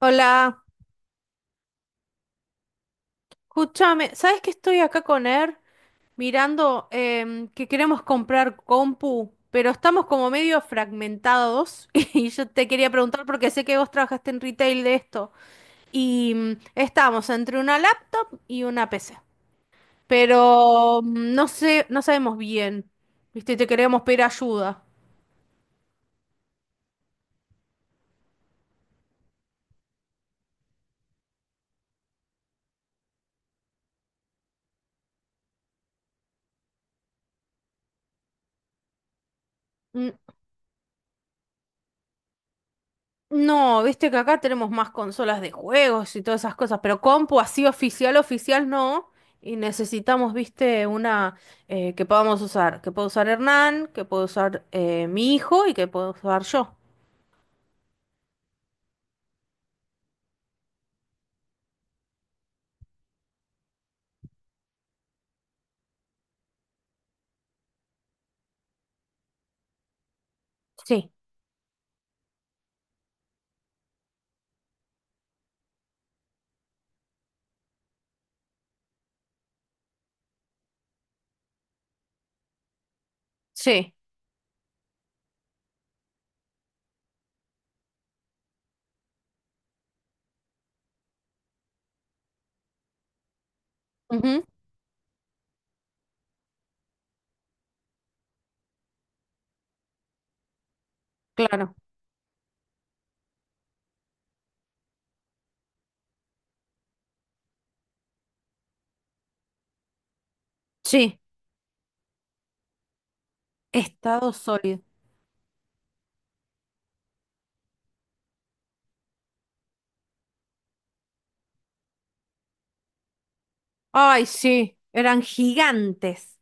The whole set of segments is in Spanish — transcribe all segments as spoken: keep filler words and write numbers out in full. Hola, escúchame, ¿sabes que estoy acá con Er mirando em, que queremos comprar compu, pero estamos como medio fragmentados y yo te quería preguntar porque sé que vos trabajaste en retail de esto y mm, estamos entre una laptop y una P C, pero mm, no sé, no sabemos bien, ¿viste? Y te queríamos pedir ayuda. Mm. No, viste que acá tenemos más consolas de juegos y todas esas cosas, pero compu así oficial, oficial no. Y necesitamos, viste, una eh, que podamos usar. Que pueda usar Hernán, que pueda usar eh, mi hijo y que pueda usar yo. Sí, sí. Ujú, claro. Sí, estado sólido. Ay, sí, eran gigantes.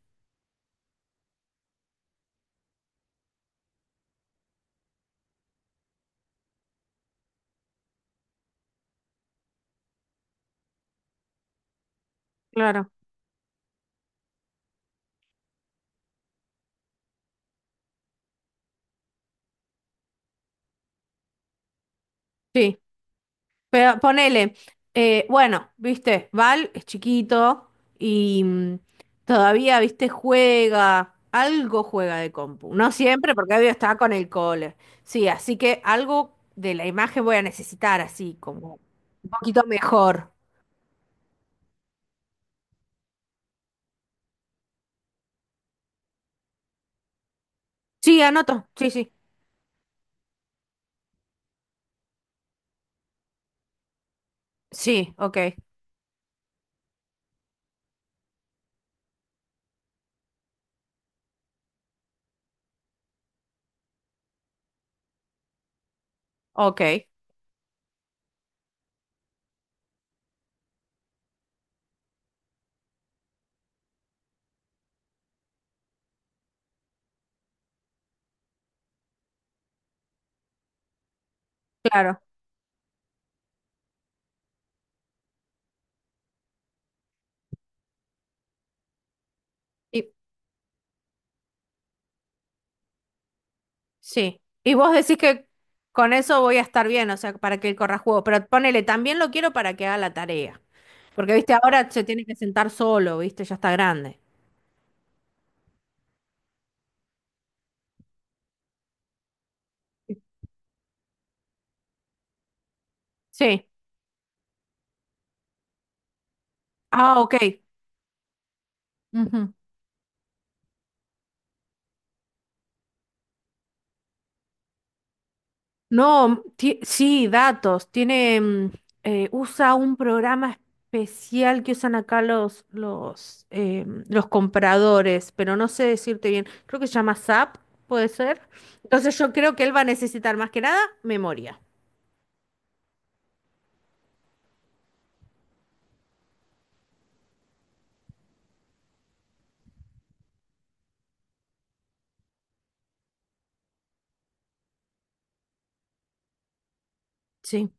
Claro. Sí. Pero ponele, eh, bueno, viste, Val es chiquito y mm, todavía, viste, juega, algo juega de compu. No siempre, porque obvio está con el cole. Sí, así que algo de la imagen voy a necesitar, así como un poquito mejor. Sí, anoto, sí, sí. Sí, ok, ok, claro. Y sí. Y vos decís que con eso voy a estar bien, o sea, para que él corra juego. Pero ponele, también lo quiero para que haga la tarea. Porque, viste, ahora se tiene que sentar solo, viste, ya está grande. Sí. Ah, ok. Ujú. No, ti- sí, datos. Tiene, mm, eh, usa un programa especial que usan acá los, los, eh, los compradores, pero no sé decirte bien. Creo que se llama S A P, puede ser. Entonces yo creo que él va a necesitar más que nada memoria. Sí.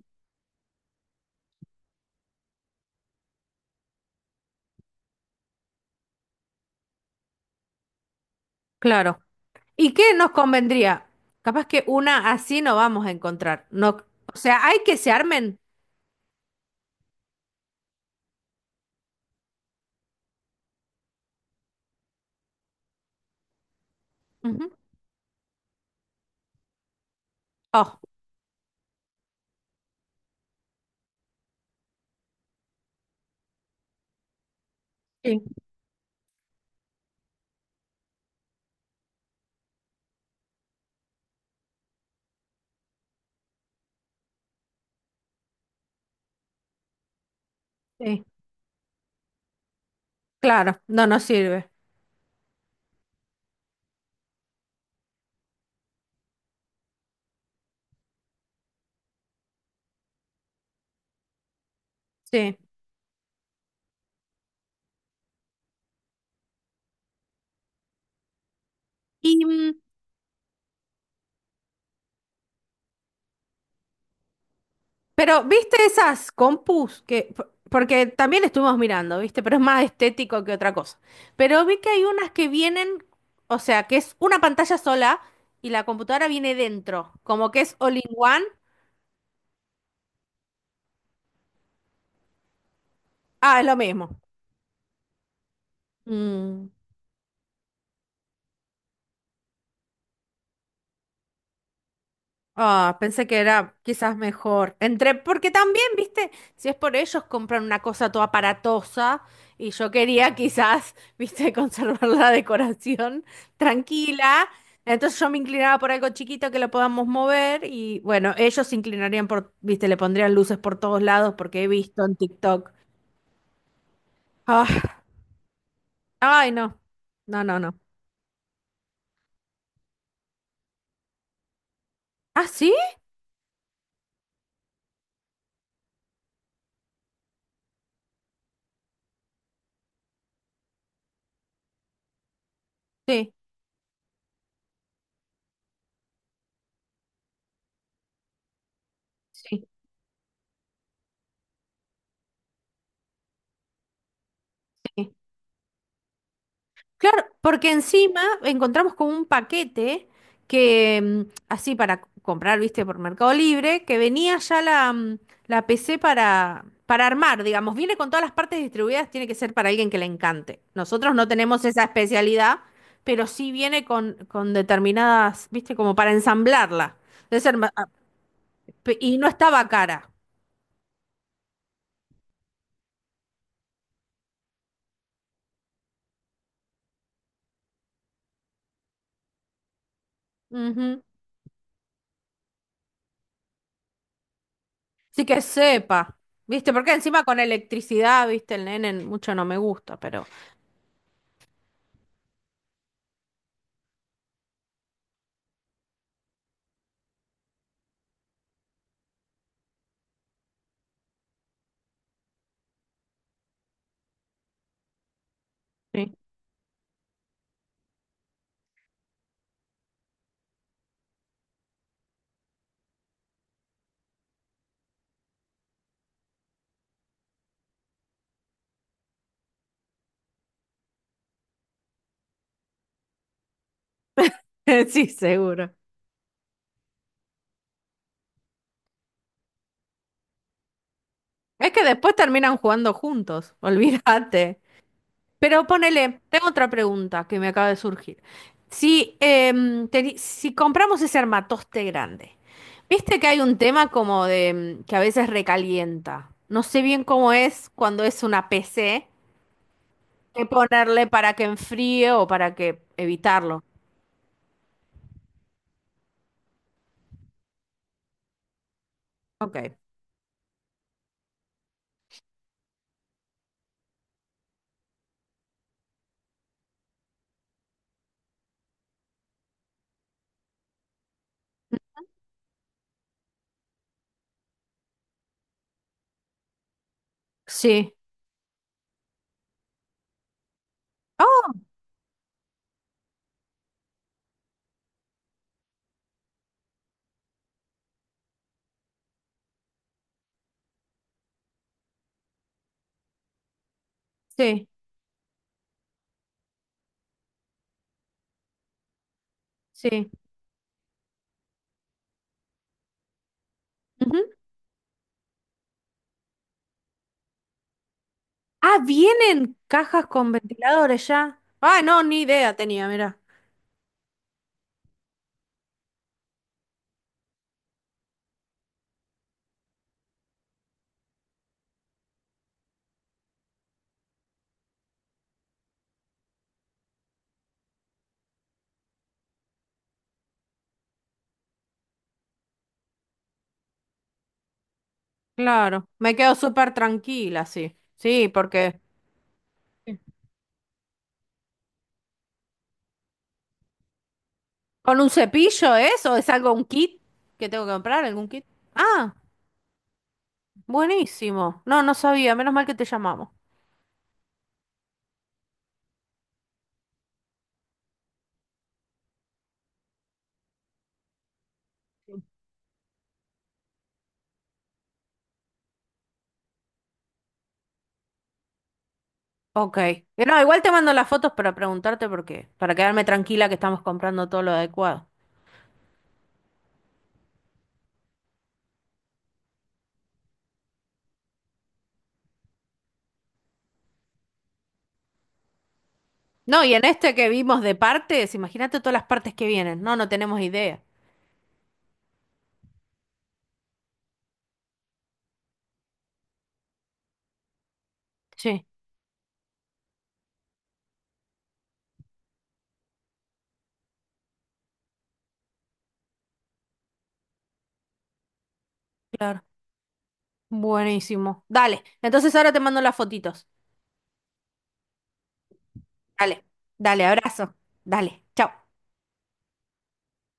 Claro. ¿Y qué nos convendría? Capaz que una así no vamos a encontrar. No, o sea, hay que se armen. Ujú. Oh, sí, sí. Claro, no nos sirve. Sí. Y, mm, pero ¿viste esas compus que, por- porque también estuvimos mirando, ¿viste? Pero es más estético que otra cosa. Pero vi que hay unas que vienen, o sea, que es una pantalla sola y la computadora viene dentro, como que es all in one. Ah, es lo mismo. Mm. Ah, pensé que era quizás mejor. Entre, porque también, viste, si es por ellos compran una cosa toda aparatosa y yo quería quizás, viste, conservar la decoración tranquila. Entonces yo me inclinaba por algo chiquito que lo podamos mover y bueno, ellos se inclinarían por, viste, le pondrían luces por todos lados porque he visto en TikTok. Ah, ay, no. No, no, no. ¿Ah, sí? Sí, sí, sí. Claro, porque encima encontramos con un paquete que, mm, así para c- comprar, viste, por Mercado Libre, que venía ya la, mm, la P C para, para armar, digamos, viene con todas las partes distribuidas, tiene que ser para alguien que le encante. Nosotros no tenemos esa especialidad, pero sí viene con, con determinadas, viste, como para ensamblarla. Debe ser ma- ah, pe- y no estaba cara. Ujú. Así que sepa, viste, porque encima con electricidad, viste, el nene mucho no me gusta, pero... Sí. Sí, seguro. Es que después terminan jugando juntos, olvídate. Pero ponele, tengo otra pregunta que me acaba de surgir. Si, em, teni- si compramos ese armatoste grande, viste que hay un tema como de em, que a veces recalienta. No sé bien cómo es cuando es una P C, qué ponerle para que enfríe o para que evitarlo. Ok. Sí. Oh, sí, sí. Ujú. Ah, vienen cajas con ventiladores ya. Ah, no, ni idea tenía, mira. Claro, me quedo súper tranquila, sí. Sí, porque con un cepillo eso, es algo, un kit que tengo que comprar, algún kit. Ah, buenísimo. No, no sabía, menos mal que te llamamos. Ok. Eh, No, igual te mando las fotos para preguntarte por qué, para quedarme tranquila que estamos comprando todo lo adecuado. No, y en este que vimos de partes, imagínate todas las partes que vienen. No, no tenemos idea. Sí. Claro. Buenísimo. Dale. Entonces ahora te mando las fotitos. Dale. Dale, abrazo. Dale. Chao.